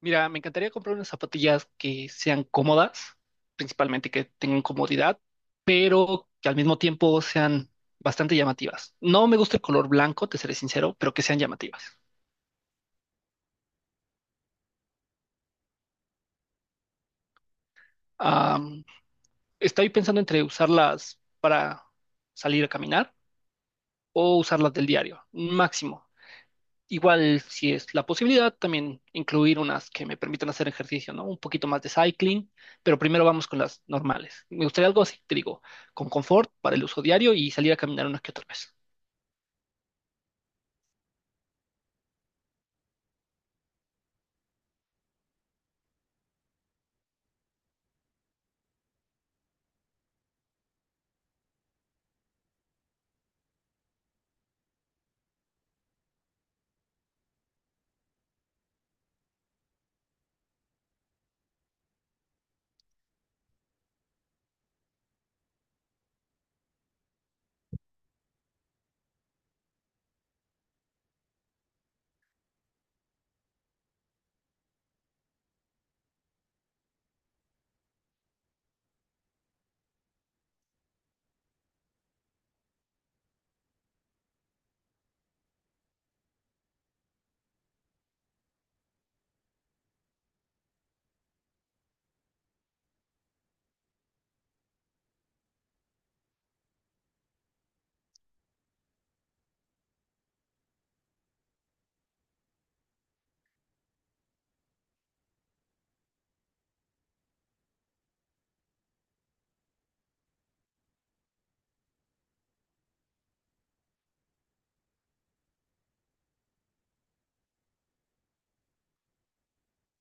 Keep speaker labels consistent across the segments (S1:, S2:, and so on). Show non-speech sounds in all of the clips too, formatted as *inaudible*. S1: Mira, me encantaría comprar unas zapatillas que sean cómodas, principalmente que tengan comodidad, pero que al mismo tiempo sean bastante llamativas. No me gusta el color blanco, te seré sincero, pero que sean llamativas. Am, Estoy pensando entre usarlas para salir a caminar o usarlas del diario, máximo. Igual, si es la posibilidad, también incluir unas que me permitan hacer ejercicio, ¿no? Un poquito más de cycling, pero primero vamos con las normales. Me gustaría algo así, te digo, con confort para el uso diario y salir a caminar unas que otra vez.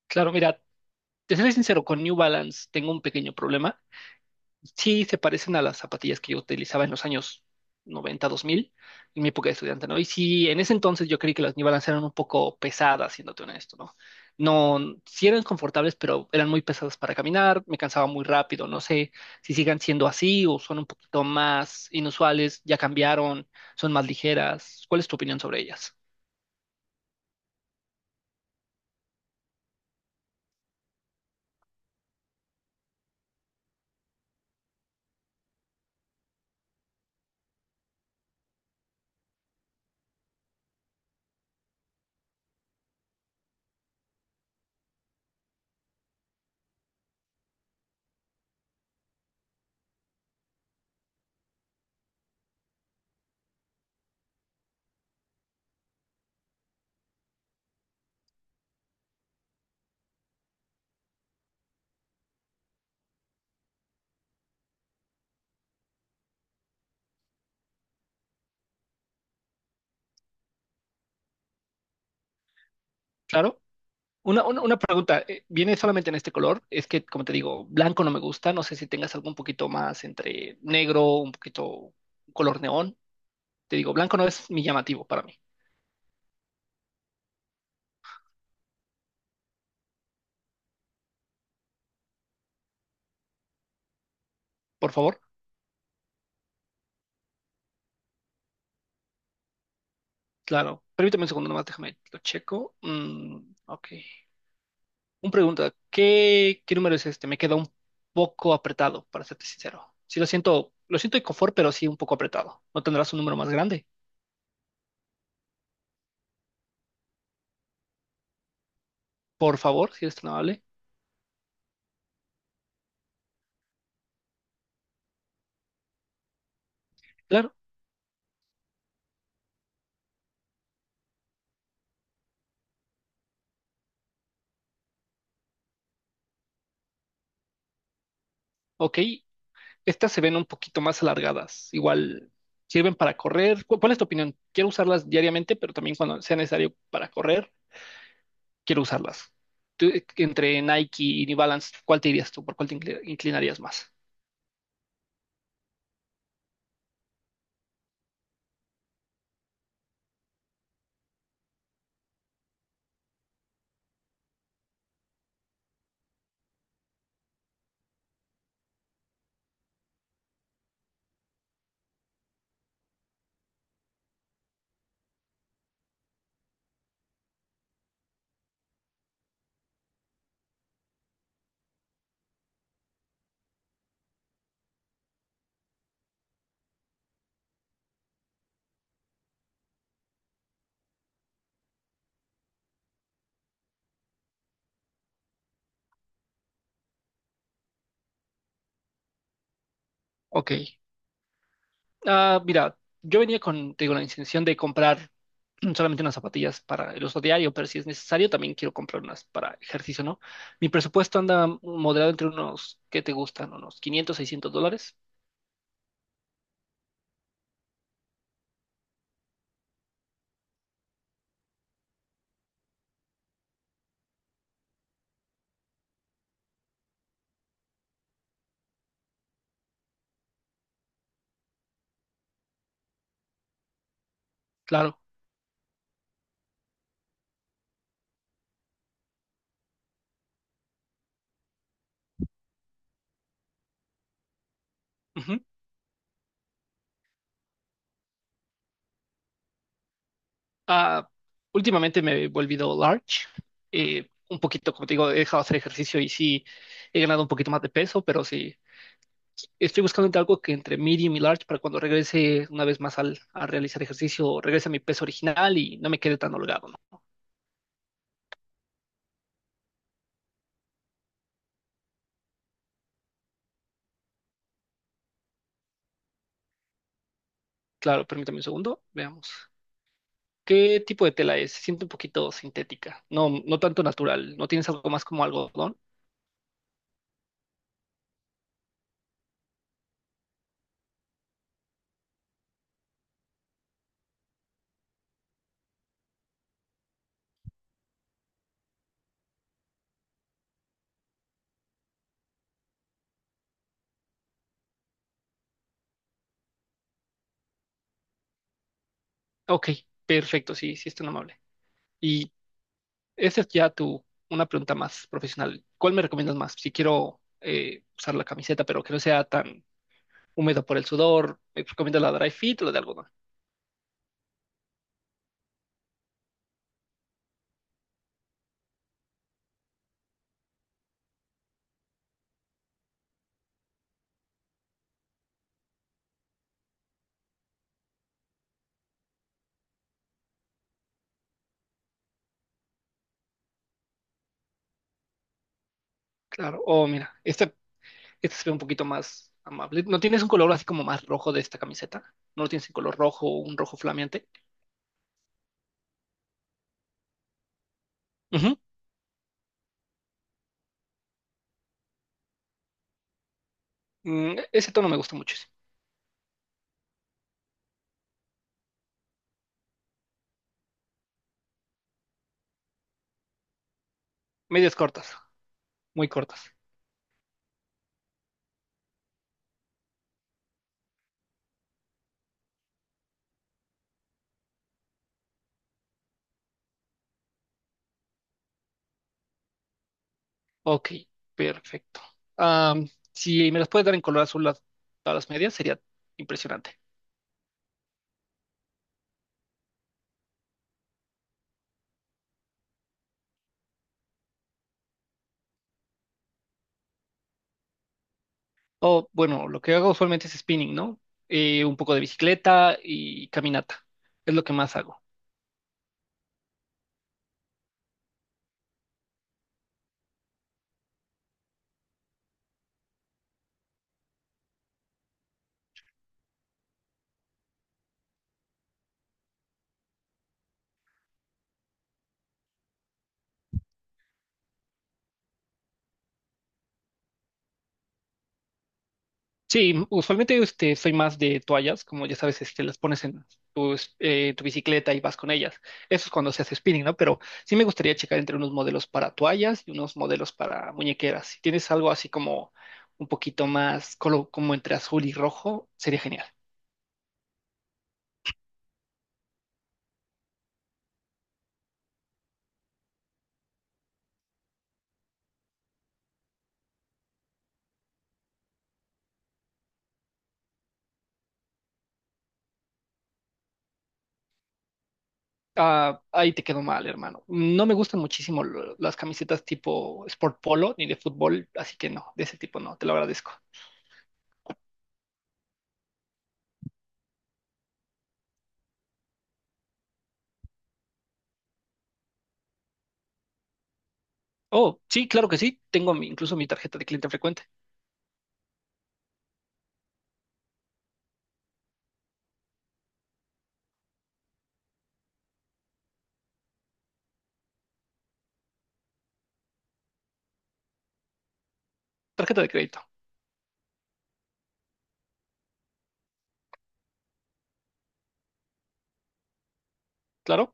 S1: Claro, mira, te seré sincero, con New Balance tengo un pequeño problema. Sí se parecen a las zapatillas que yo utilizaba en los años 90 2000 en mi época de estudiante, ¿no? Y sí, en ese entonces yo creí que las New Balance eran un poco pesadas, siéndote honesto, ¿no? No, sí eran confortables, pero eran muy pesadas para caminar, me cansaba muy rápido, no sé si sigan siendo así o son un poquito más inusuales, ya cambiaron, son más ligeras. ¿Cuál es tu opinión sobre ellas? Claro. Una pregunta, ¿viene solamente en este color? Es que, como te digo, blanco no me gusta, no sé si tengas algo un poquito más entre negro, un poquito color neón. Te digo, blanco no es mi llamativo para mí. Por favor, claro. Permítame un segundo nomás, déjame, lo checo. Mm, ok. Un pregunta, ¿qué número es este? Me queda un poco apretado, para serte sincero. Sí, lo siento de confort, pero sí un poco apretado. ¿No tendrás un número más grande? Por favor, si eres tan amable. Claro, ok. Estas se ven un poquito más alargadas. Igual sirven para correr. ¿Cuál es tu opinión? Quiero usarlas diariamente, pero también cuando sea necesario para correr, quiero usarlas. Tú, entre Nike y New Balance, ¿cuál te irías tú? ¿Por cuál te inclinarías más? Ok. Ah, mira, yo venía con, te digo, la intención de comprar *clears throat* solamente unas zapatillas para el uso diario, pero si es necesario, también quiero comprar unas para ejercicio, ¿no? Mi presupuesto anda moderado entre unos, ¿qué te gustan? Unos 500, $600. Claro. Ujú. Ah, últimamente me he volvido large. Un poquito, como te digo, he dejado de hacer ejercicio y sí he ganado un poquito más de peso, pero sí estoy buscando entre algo que entre medium y large para cuando regrese una vez más al, a realizar ejercicio, regrese a mi peso original y no me quede tan holgado, ¿no? Claro, permítame un segundo, veamos. ¿Qué tipo de tela es? Siento un poquito sintética, no, no tanto natural. ¿No tienes algo más como algodón? Ok, perfecto, sí, sí es tan amable. ¿Y Esa es ya tu, una pregunta más profesional. ¿Cuál me recomiendas más? Si quiero usar la camiseta, pero que no sea tan húmedo por el sudor, ¿me recomiendas la dry fit o la de algodón? Claro. Oh, mira, esta se ve un poquito más amable. ¿No tienes un color así como más rojo de esta camiseta? ¿No lo tienes en color rojo, un rojo flameante? Ujú. Ese tono me gusta muchísimo. Medias cortas, muy cortas. Ok, perfecto. Ah, si me las puedes dar en color azul las, todas las medias, sería impresionante. O bueno, lo que hago usualmente es spinning, ¿no? Un poco de bicicleta y caminata. Es lo que más hago. Sí, usualmente este, soy más de toallas, como ya sabes, este, las pones en tu bicicleta y vas con ellas. Eso es cuando se hace spinning, ¿no? Pero sí me gustaría checar entre unos modelos para toallas y unos modelos para muñequeras. Si tienes algo así como un poquito más, como entre azul y rojo, sería genial. Ah, ahí te quedó mal, hermano. No me gustan muchísimo las camisetas tipo Sport Polo ni de fútbol, así que no, de ese tipo no, te lo agradezco. Oh, sí, claro que sí, tengo incluso mi tarjeta de cliente frecuente, tarjeta de crédito, claro.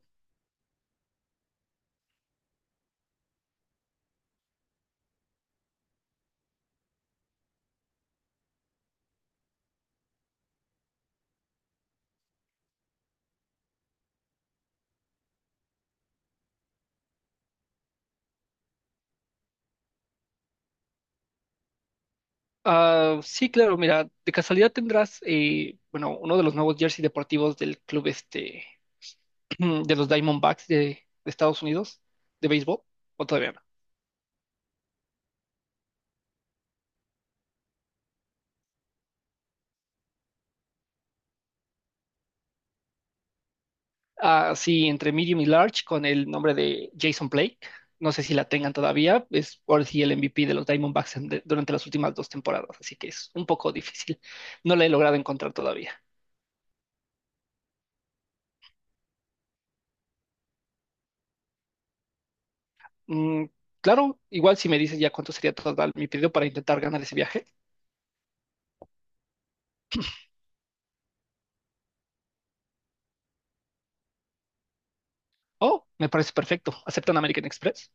S1: Ah, sí, claro, mira, de casualidad tendrás, bueno, uno de los nuevos jersey deportivos del club este, *clears throat* de los Diamondbacks de, Estados Unidos, de béisbol, o todavía no. Así entre medium y large con el nombre de Jason Blake. No sé si la tengan todavía, es por si el MVP de los Diamondbacks durante las últimas 2 temporadas, así que es un poco difícil. No la he logrado encontrar todavía. Mm, claro, igual si me dices ya cuánto sería total mi pedido para intentar ganar ese viaje. Oh, me parece perfecto. ¿Aceptan American Express?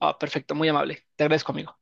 S1: Ah, perfecto, muy amable. Te agradezco, amigo.